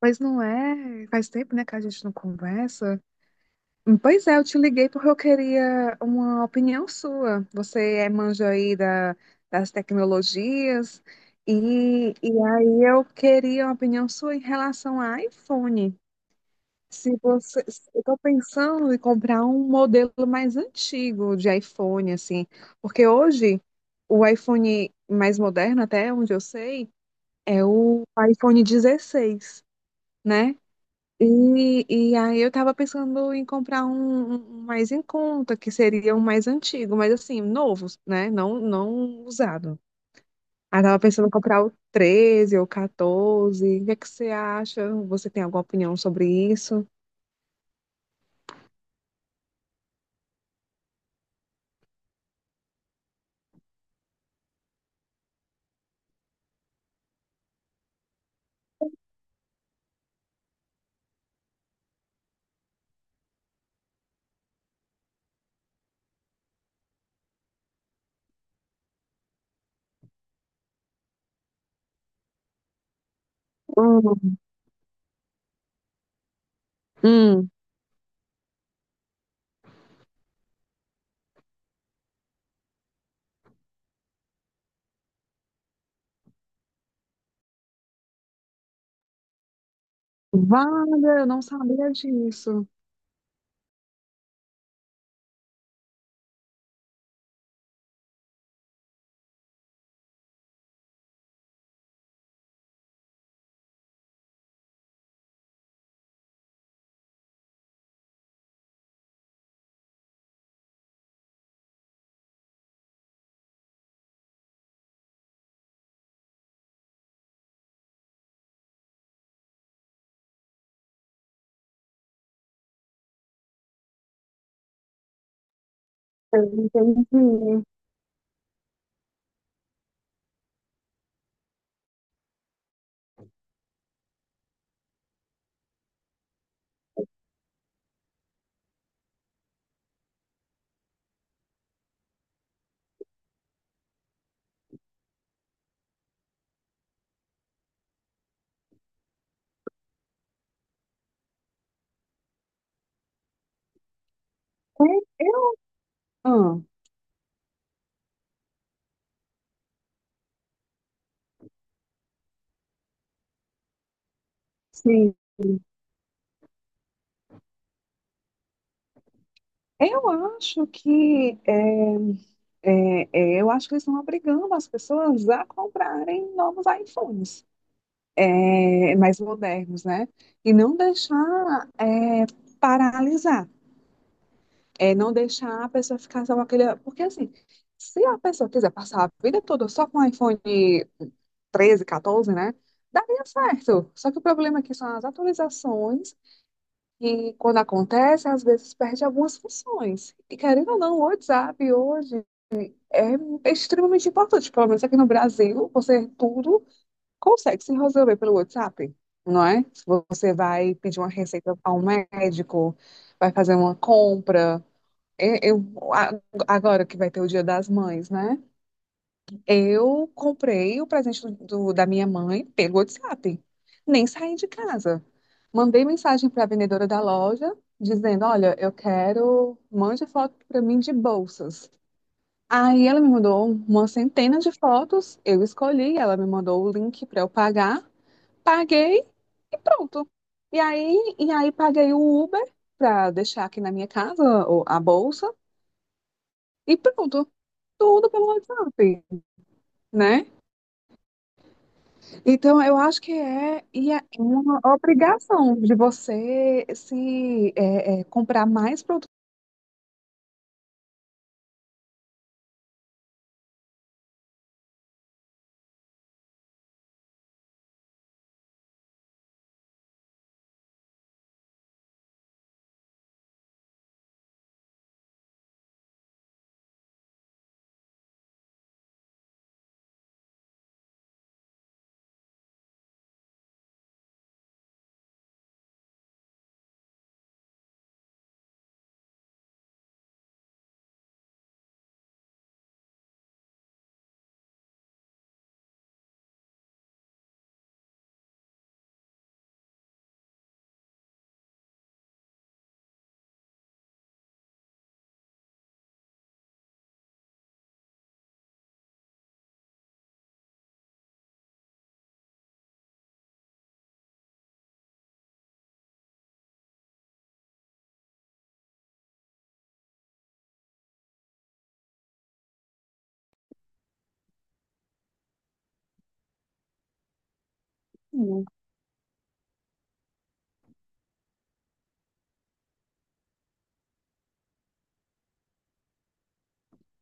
Mas não é. Faz tempo, né, que a gente não conversa. Pois é, eu te liguei porque eu queria uma opinião sua. Você manja aí das tecnologias, e aí eu queria uma opinião sua em relação ao iPhone. Se você, se- Eu estou pensando em comprar um modelo mais antigo de iPhone, assim, porque hoje o iPhone mais moderno, até onde eu sei, é o iPhone 16, né? E aí eu tava pensando em comprar um mais em conta, que seria um mais antigo, mas assim, novo, né? Não, não usado. Aí tava pensando em comprar o 13 ou 14. O que é que você acha? Você tem alguma opinião sobre isso? Hum, Hum, Wanda, eu não sabia disso. Eu entendi. Ah. Sim. Eu acho que eles estão obrigando as pessoas a comprarem novos iPhones, mais modernos, né? E não deixar paralisar, não deixar a pessoa ficar só com aquele. Porque, assim, se a pessoa quiser passar a vida toda só com iPhone 13, 14, né? Daria certo. Só que o problema aqui são as atualizações, e quando acontece, às vezes perde algumas funções. E querendo ou não, o WhatsApp hoje é extremamente importante. Pelo menos aqui no Brasil, você tudo consegue se resolver pelo WhatsApp, não é? Se você vai pedir uma receita a um médico, vai fazer uma compra. E- Eu, a- Agora que vai ter o Dia das Mães, né? Eu comprei o presente da minha mãe pelo WhatsApp. Nem saí de casa. Mandei mensagem para a vendedora da loja dizendo: Olha, eu quero, mande foto para mim de bolsas. Aí ela me mandou uma centena de fotos, eu escolhi, ela me mandou o link para eu pagar. Paguei e pronto. E aí, paguei o Uber para deixar aqui na minha casa a bolsa e pronto. Tudo pelo WhatsApp, né? Então, eu acho que e é uma obrigação de você se comprar mais produtos.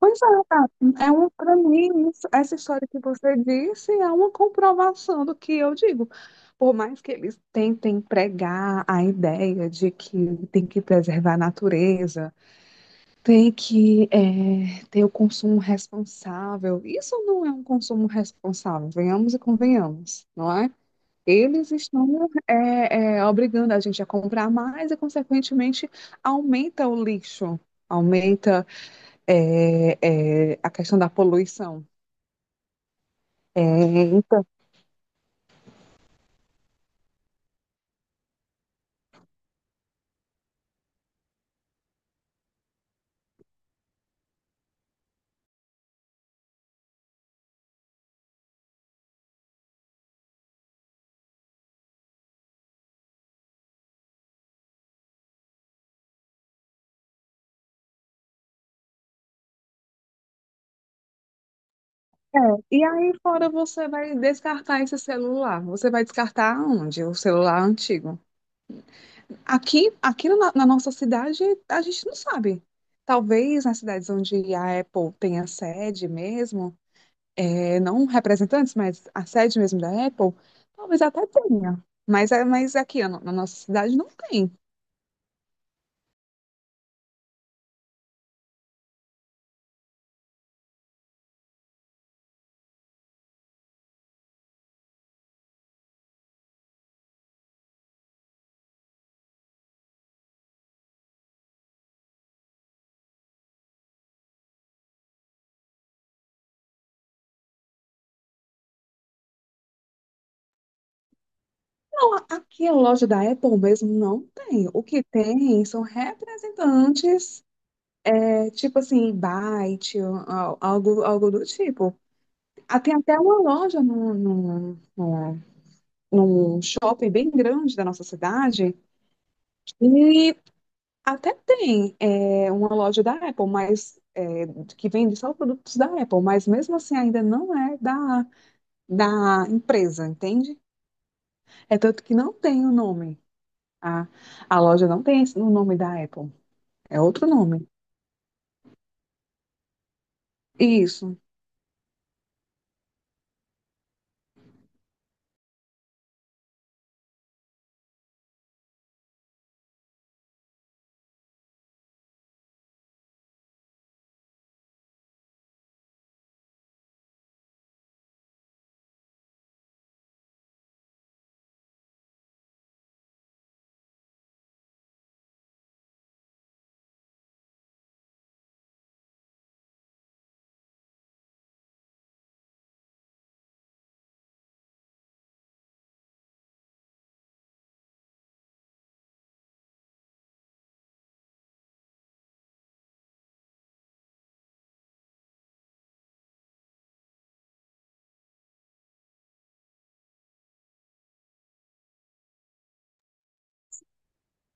Pois é, tá. Para mim, essa história que você disse é uma comprovação do que eu digo. Por mais que eles tentem pregar a ideia de que tem que preservar a natureza, tem que ter o consumo responsável. Isso não é um consumo responsável, venhamos e convenhamos, não é? Eles estão obrigando a gente a comprar mais e, consequentemente, aumenta o lixo, aumenta eh, a questão da poluição. Eh, então, é. E aí, fora, você vai descartar esse celular. Você vai descartar onde? O celular antigo. Aqui na nossa cidade, a gente não sabe. Talvez nas cidades onde a Apple tenha sede mesmo, não representantes, mas a sede mesmo da Apple, talvez até tenha. Mas é aqui na nossa cidade não tem. Não, aqui a loja da Apple mesmo não tem. O que tem são representantes, tipo assim, Byte, ó, ó, algo, algo do tipo. Ah, tem até uma loja num shopping bem grande da nossa cidade. E até tem uma loja da Apple, mas que vende só produtos da Apple, mas mesmo assim ainda não é da empresa, entende? É tanto que não tem o nome. A, a loja não tem o nome da Apple, é outro nome. Isso.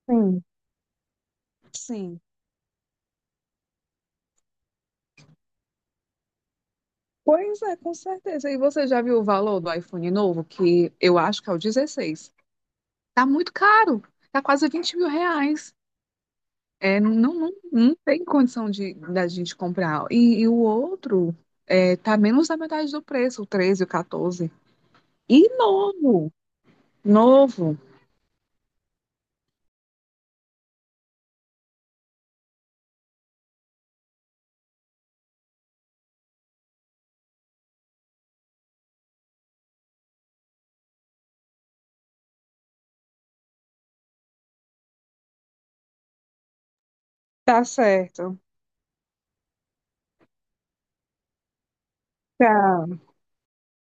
Sim. Sim. Pois é, com certeza. E você já viu o valor do iPhone novo, que eu acho que é o 16? Tá muito caro, tá quase 20 mil reais. Não, não, não tem condição de da gente comprar. E o outro tá menos da metade do preço, o 13, o 14. E novo, novo. Tá certo. Tchau.